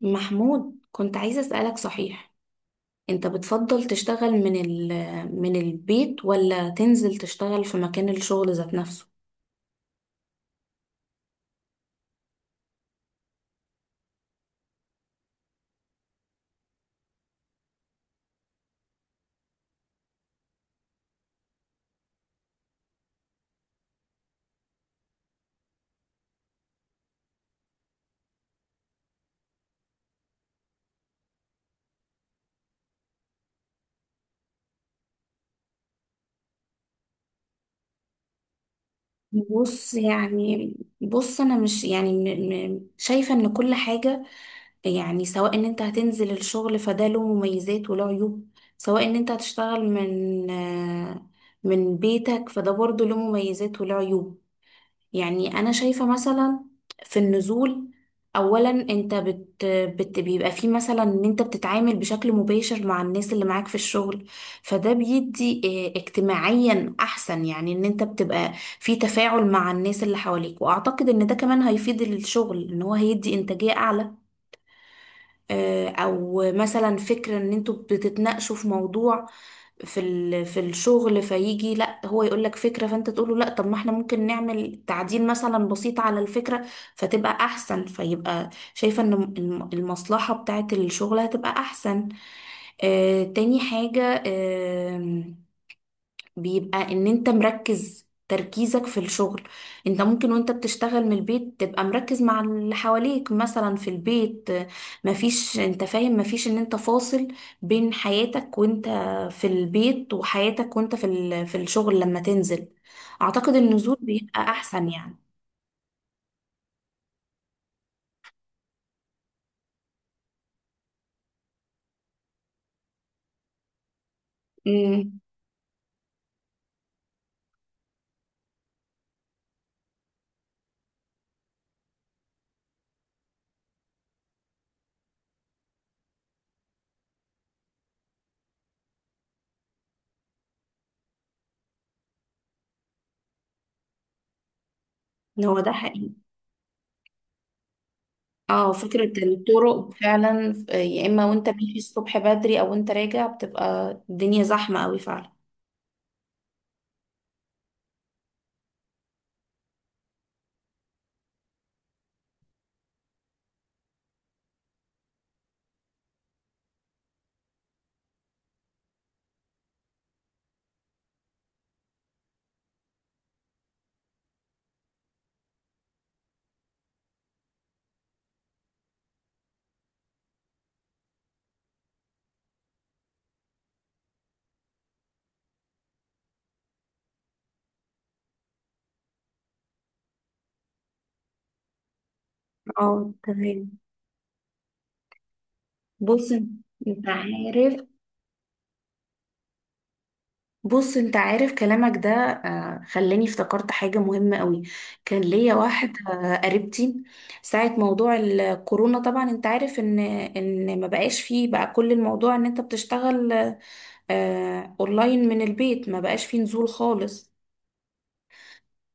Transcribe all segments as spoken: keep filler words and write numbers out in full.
محمود، كنت عايزة أسألك. صحيح انت بتفضل تشتغل من ال من البيت ولا تنزل تشتغل في مكان الشغل ذات نفسه؟ بص يعني. بص انا مش يعني م- م- شايفة ان كل حاجة يعني، سواء ان انت هتنزل الشغل فده له مميزات وله عيوب، سواء ان انت هتشتغل من آه، من بيتك فده برضه له مميزات وله عيوب. يعني انا شايفة مثلا في النزول، اولا انت بت... بت... بيبقى فيه مثلا ان انت بتتعامل بشكل مباشر مع الناس اللي معاك في الشغل، فده بيدي اه، اجتماعيا احسن، يعني ان انت بتبقى في تفاعل مع الناس اللي حواليك، واعتقد ان ده كمان هيفيد الشغل ان هو هيدي انتاجية اعلى. اه، او مثلا فكرة ان انتوا بتتناقشوا في موضوع في ال- في الشغل، فيجي لا هو يقول لك فكرة فانت تقول له لا، طب ما احنا ممكن نعمل تعديل مثلا بسيط على الفكرة فتبقى احسن، فيبقى شايفة ان الم- المصلحة بتاعت الشغل هتبقى احسن. آه تاني حاجة، بيبقى ان انت مركز تركيزك في الشغل. انت ممكن وانت بتشتغل من البيت تبقى مركز مع اللي حواليك مثلا في البيت، آه، مفيش، انت فاهم، مفيش ان انت فاصل بين حياتك وانت في البيت وحياتك وانت في ال- في الشغل لما تنزل. اعتقد النزول بيبقى احسن يعني. امم هو ده حقيقي. اه، فكرة الطرق فعلا، آه، يا اما وانت ماشي الصبح بدري او وانت راجع بتبقى الدنيا زحمة قوي فعلا. اه تمام. بص انت عارف بص انت عارف، كلامك ده آه، خلاني افتكرت حاجة مهمة قوي. كان ليا واحدة آه، قريبتي ساعة موضوع الكورونا. طبعا انت عارف ان ان ما بقاش فيه بقى كل الموضوع ان انت بتشتغل آه، اونلاين من البيت، ما بقاش فيه نزول خالص.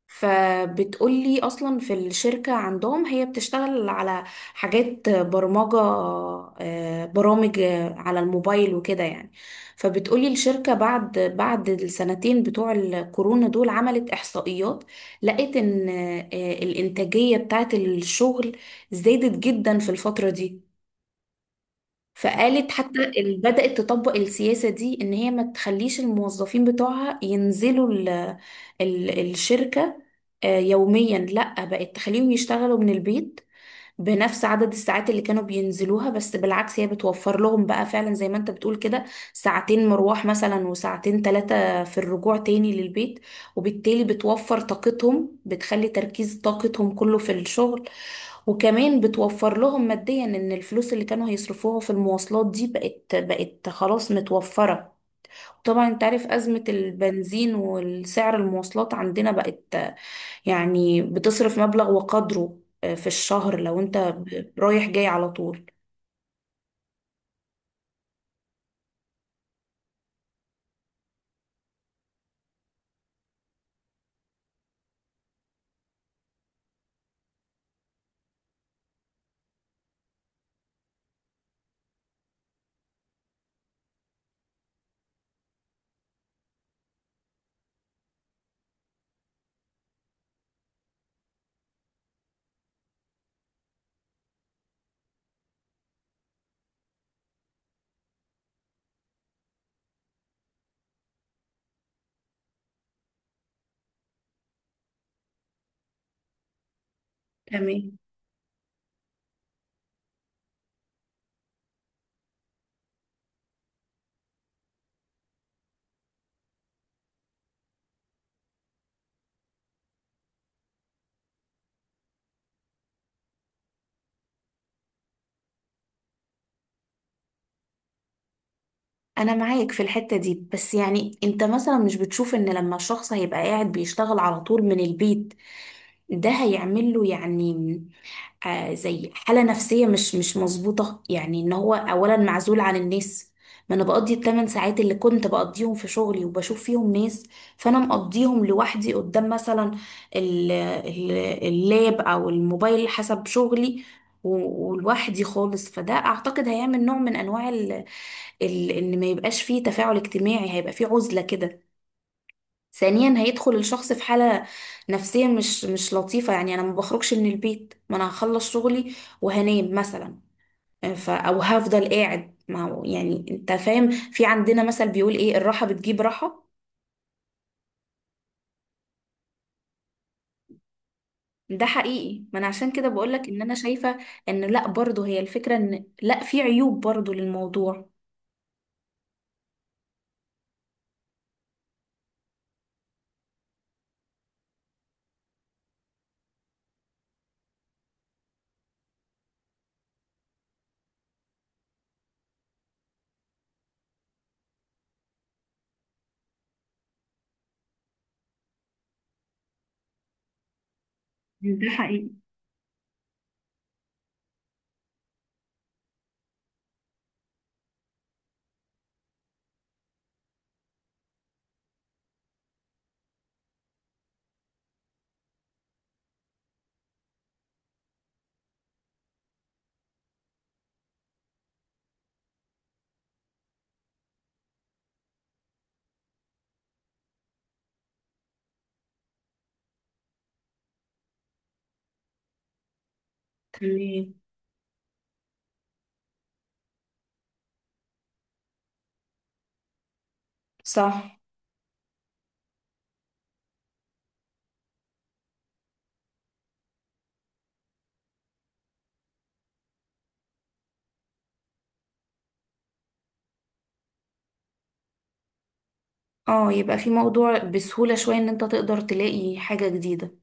فبتقولي اصلا في الشركة عندهم، هي بتشتغل على حاجات برمجة، آه، برامج آه، على الموبايل وكده يعني. فبتقولي الشركة بعد بعد السنتين بتوع الكورونا دول عملت احصائيات، لقيت ان آه، الانتاجية بتاعت الشغل زادت جدا في الفترة دي. فقالت حتى ال- بدأت تطبق السياسة دي ان هي ما تخليش الموظفين بتوعها ينزلوا ال ال الشركة آه، يوميا، لا بقت تخليهم يشتغلوا من البيت بنفس عدد الساعات اللي كانوا بينزلوها، بس بالعكس هي بتوفر لهم بقى فعلا زي ما انت بتقول كده، ساعتين مروح مثلا وساعتين ثلاثة في الرجوع تاني للبيت، وبالتالي بتوفر طاقتهم، بتخلي تركيز طاقتهم كله في الشغل. وكمان بتوفر لهم ماديا ان الفلوس اللي كانوا هيصرفوها في المواصلات دي بقت بقت خلاص متوفرة. طبعا انت عارف أزمة البنزين والسعر، المواصلات عندنا بقت آه، يعني بتصرف مبلغ وقدره آه، في الشهر لو انت ب- رايح جاي على طول. تمام. انا معاك في الحتة دي، بس يعني انت مثلا مش بتشوف ان لما الشخص هيبقى قاعد بيشتغل على طول من البيت، ده هيعمل له يعني آه، زي حالة نفسية مش مش مظبوطة؟ يعني ان هو اولا معزول عن الناس. ما انا بقضي الثمان ساعات اللي كنت بقضيهم في شغلي وبشوف فيهم ناس، فانا مقضيهم لوحدي قدام مثلا ال- ال- اللاب او الموبايل حسب شغلي، و- ولوحدي خالص. فده اعتقد هيعمل نوع من انواع ال ال ان ما يبقاش فيه تفاعل اجتماعي، هيبقى فيه عزلة كده. ثانيا هيدخل الشخص في حالة نفسية مش مش لطيفة، يعني انا ما بخرجش من البيت، ما انا هخلص شغلي وهنام مثلا، ف او هفضل قاعد. ما هو يعني انت فاهم، في عندنا مثل بيقول ايه؟ الراحة بتجيب راحة. ده حقيقي، ما انا عشان كده بقولك ان انا شايفة ان لا، برضه هي الفكرة ان لا، في عيوب برضه للموضوع. ده حقيقي. إيه. صح. اه، يبقى في موضوع بسهولة شوية ان انت تقدر تلاقي حاجة جديدة.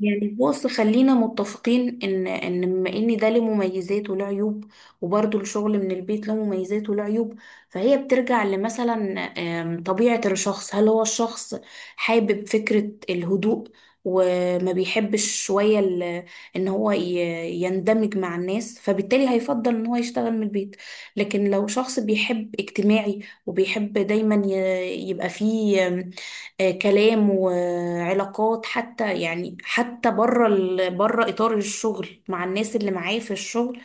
يعني بص، خلينا متفقين ان ان بما ان ده له مميزات وله عيوب، وبرضه الشغل من البيت له مميزات وله عيوب، فهي بترجع لمثلا آم، طبيعة الشخص. هل هو الشخص حابب فكرة الهدوء وما بيحبش شوية ال- ان هو ي- يندمج مع الناس، فبالتالي هيفضل ان هو يشتغل من البيت. لكن لو شخص بيحب اجتماعي وبيحب دايما ي- يبقى فيه آه، كلام وعلاقات، حتى يعني حتى بره ال... بره اطار الشغل مع الناس اللي معاه في الشغل،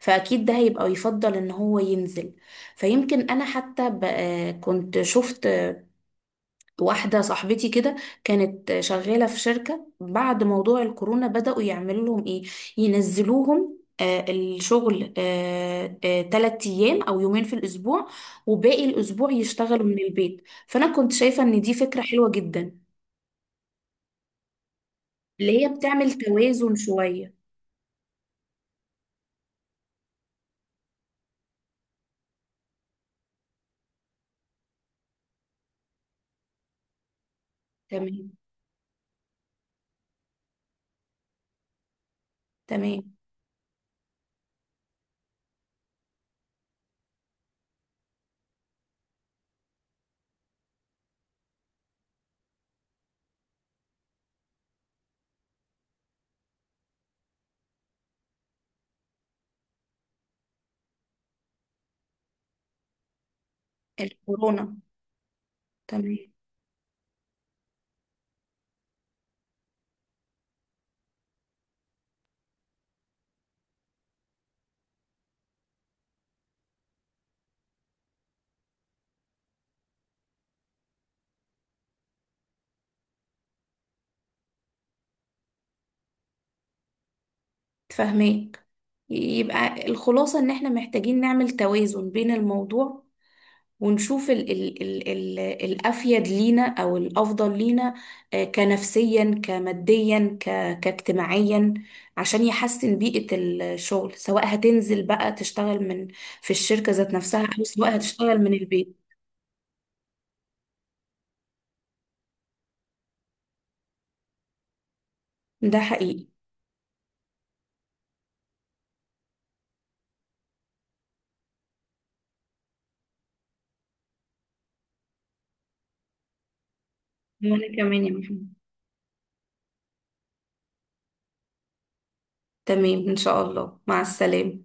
فاكيد ده هيبقى يفضل ان هو ينزل. فيمكن انا حتى ب... آه، كنت شفت واحده صاحبتي كده، كانت شغاله في شركه بعد موضوع الكورونا، بداوا يعملوا لهم ايه، ينزلوهم آه، الشغل آه، آه، تلات أيام أو يومين في الأسبوع، وباقي الأسبوع يشتغلوا من البيت. فأنا كنت شايفة إن دي فكرة حلوة جدا، اللي هي بتعمل توازن شوية. تمام. تمام. الكورونا. تمام. تفهميك. يبقى الخلاصة ان احنا محتاجين نعمل توازن بين الموضوع، ونشوف ال ال ال ال الأفيد لينا أو الأفضل لينا، آه، كنفسيا، كماديا، ك كاجتماعيا، عشان يحسن بيئة الشغل، سواء هتنزل بقى تشتغل من في الشركة ذات نفسها، أو سواء هتشتغل من البيت. ده حقيقي. وأنا كمان يا محمد. تمام، إن شاء الله، مع السلامة.